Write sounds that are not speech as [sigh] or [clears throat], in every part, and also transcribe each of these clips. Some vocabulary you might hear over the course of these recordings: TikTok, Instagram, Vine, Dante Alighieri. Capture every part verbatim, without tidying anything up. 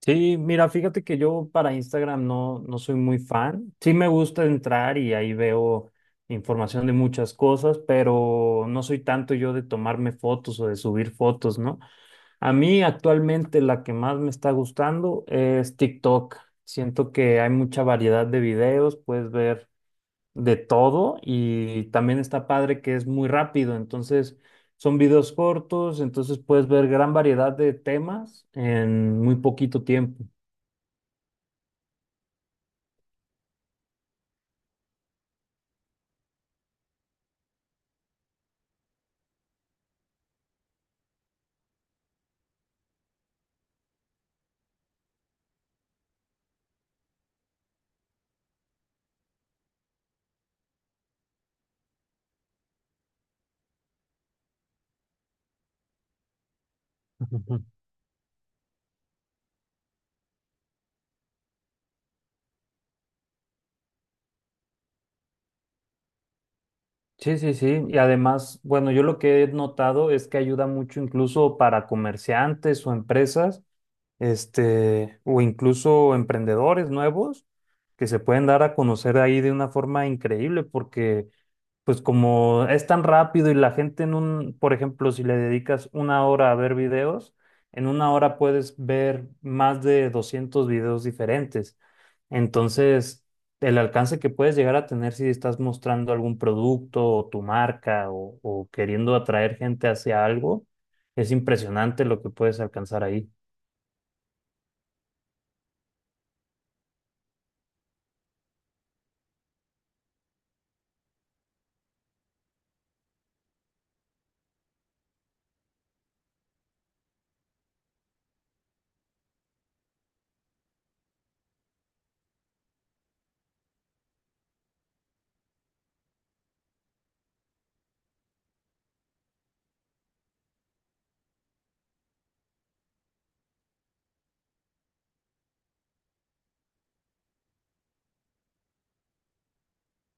Sí, mira, fíjate que yo para Instagram no, no soy muy fan. Sí me gusta entrar y ahí veo información de muchas cosas, pero no soy tanto yo de tomarme fotos o de subir fotos, ¿no? A mí actualmente la que más me está gustando es TikTok. Siento que hay mucha variedad de videos, puedes ver de todo y también está padre que es muy rápido, entonces... Son videos cortos, entonces puedes ver gran variedad de temas en muy poquito tiempo. Ujú. Sí, sí, sí. Y además, bueno, yo lo que he notado es que ayuda mucho incluso para comerciantes o empresas, este, o incluso emprendedores nuevos que se pueden dar a conocer ahí de una forma increíble, porque pues como es tan rápido y la gente en un, por ejemplo, si le dedicas una hora a ver videos, en una hora puedes ver más de doscientos videos diferentes. Entonces, el alcance que puedes llegar a tener si estás mostrando algún producto o tu marca o, o queriendo atraer gente hacia algo, es impresionante lo que puedes alcanzar ahí.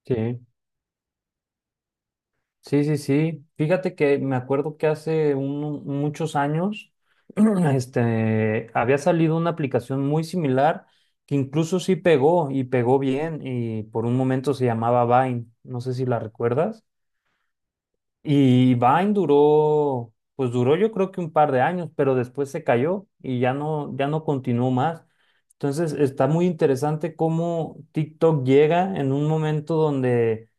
Sí. Sí, sí, sí. Fíjate que me acuerdo que hace un- muchos años, [clears throat] este, había salido una aplicación muy similar que incluso sí pegó y pegó bien y por un momento se llamaba Vine. No sé si la recuerdas. Y Vine duró, pues duró yo creo que un par de años, pero después se cayó y ya no, ya no continuó más. Entonces está muy interesante cómo TikTok llega en un momento donde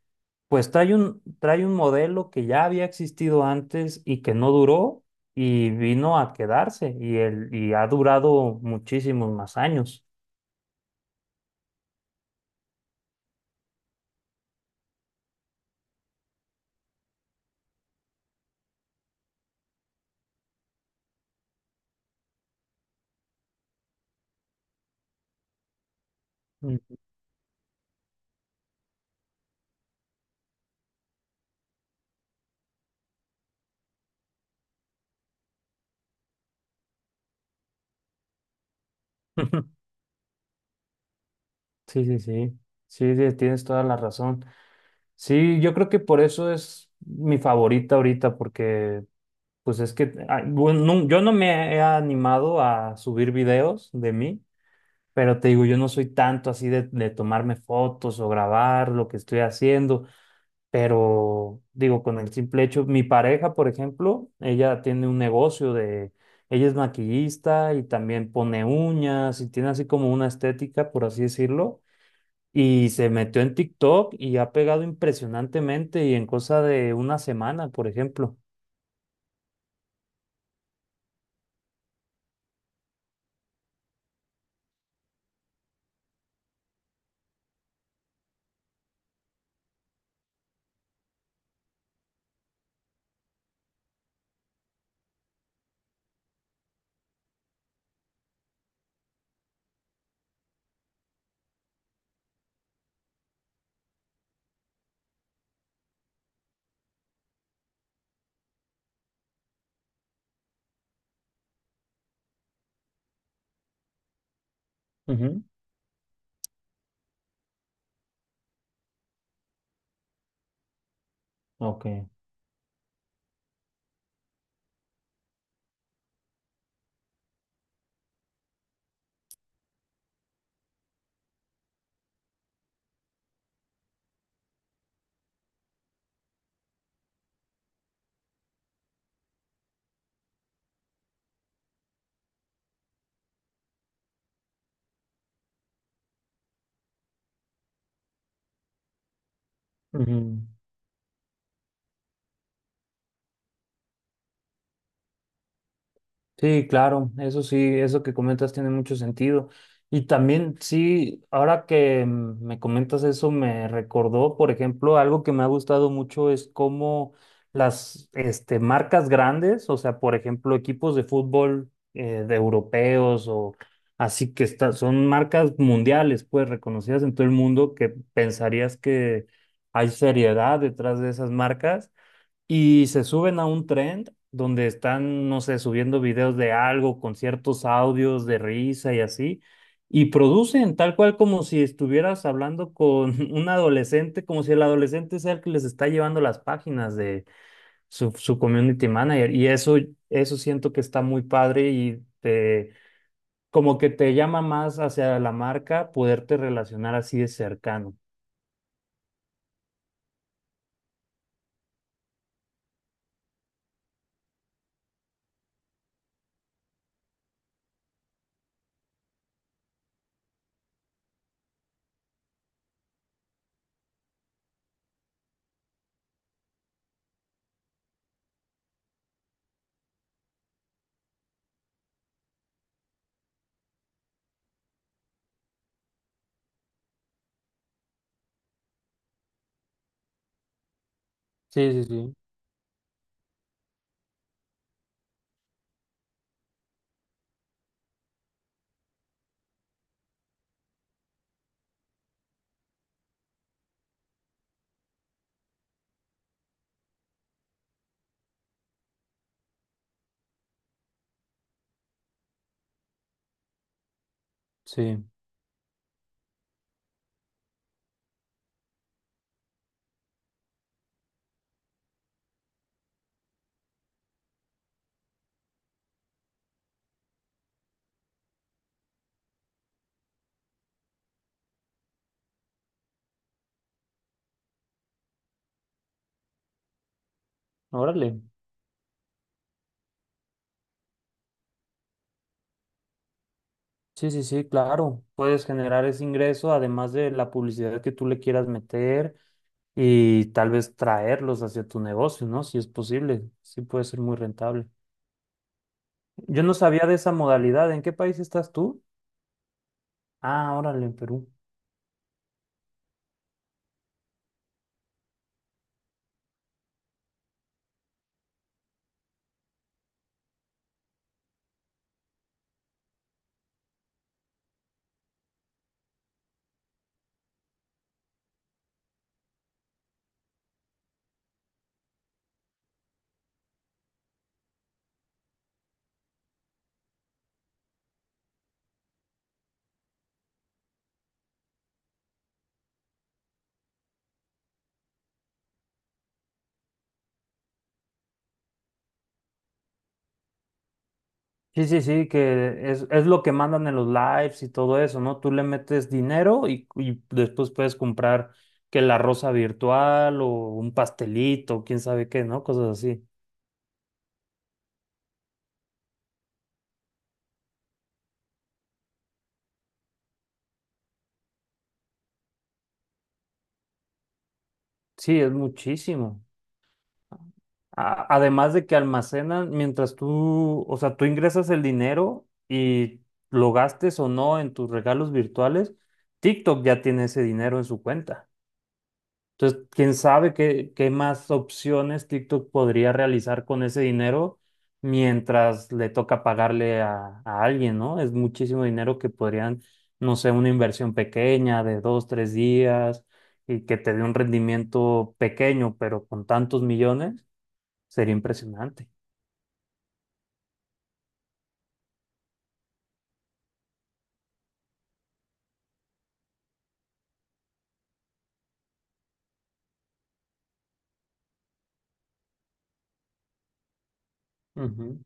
pues trae un, trae un modelo que ya había existido antes y que no duró y vino a quedarse y, el, y ha durado muchísimos más años. Mm. [laughs] Sí, sí, sí, sí, sí, tienes toda la razón. Sí, yo creo que por eso es mi favorita ahorita porque pues es que ah, bueno, nun- yo no me he animado a subir videos de mí, pero te digo, yo no soy tanto así de, de tomarme fotos o grabar lo que estoy haciendo. Pero digo, con el simple hecho, mi pareja, por ejemplo, ella tiene un negocio de, ella es maquillista y también pone uñas y tiene así como una estética, por así decirlo, y se metió en TikTok y ha pegado impresionantemente y en cosa de una semana, por ejemplo. Ujú. Ok. Ujú. Sí, claro, eso sí, eso que comentas tiene mucho sentido. Y también, sí, ahora que mm, me comentas eso, me recordó, por ejemplo, algo que me ha gustado mucho es cómo las este, marcas grandes, o sea, por ejemplo, equipos de fútbol eh, de europeos o así que está- son marcas mundiales, pues reconocidas en todo el mundo, que pensarías que hay seriedad detrás de esas marcas y se suben a un trend donde están, no sé, subiendo videos de algo con ciertos audios de risa y así, y producen tal cual como si estuvieras hablando con [laughs] un adolescente, como si el adolescente sea el que les está llevando las páginas de su, su community manager. Y eso, eso siento que está muy padre y te, como que te llama más hacia la marca poderte relacionar así de cercano. Sí, sí, sí, sí. Órale. Sí, sí, sí, claro. Puedes generar ese ingreso, además de la publicidad que tú le quieras meter y tal vez traerlos hacia tu negocio, ¿no? Si es posible, sí puede ser muy rentable. Yo no sabía de esa modalidad. ¿En qué país estás tú? Ah, órale, en Perú. Sí, sí, sí, que es, es lo que mandan en los lives y todo eso, ¿no? Tú le metes dinero y, y después puedes comprar que la rosa virtual o un pastelito, quién sabe qué, ¿no? Cosas así. Sí, es muchísimo. A- Además de que almacenan mientras tú, o sea, tú ingresas el dinero y lo gastes o no en tus regalos virtuales, TikTok ya tiene ese dinero en su cuenta. Entonces, quién sabe qué, qué más opciones TikTok podría realizar con ese dinero mientras le toca pagarle a, a alguien, ¿no? Es muchísimo dinero que podrían, no sé, una inversión pequeña de dos, tres días y que te dé un rendimiento pequeño, pero con tantos millones. Sería impresionante. Ujú.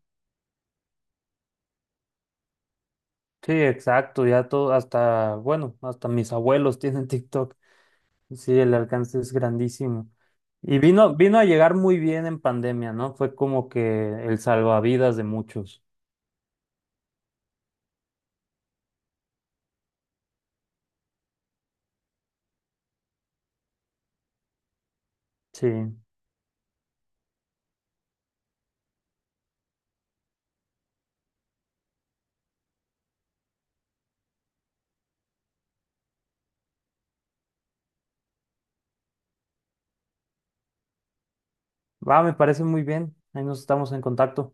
Sí, exacto, ya todo, hasta, bueno, hasta mis abuelos tienen [laughs] TikTok. Sí, el alcance es grandísimo. Y vino, vino a llegar muy bien en pandemia, ¿no? Fue como que el salvavidas de muchos. Sí. Va, me parece muy bien. Ahí nos estamos en contacto.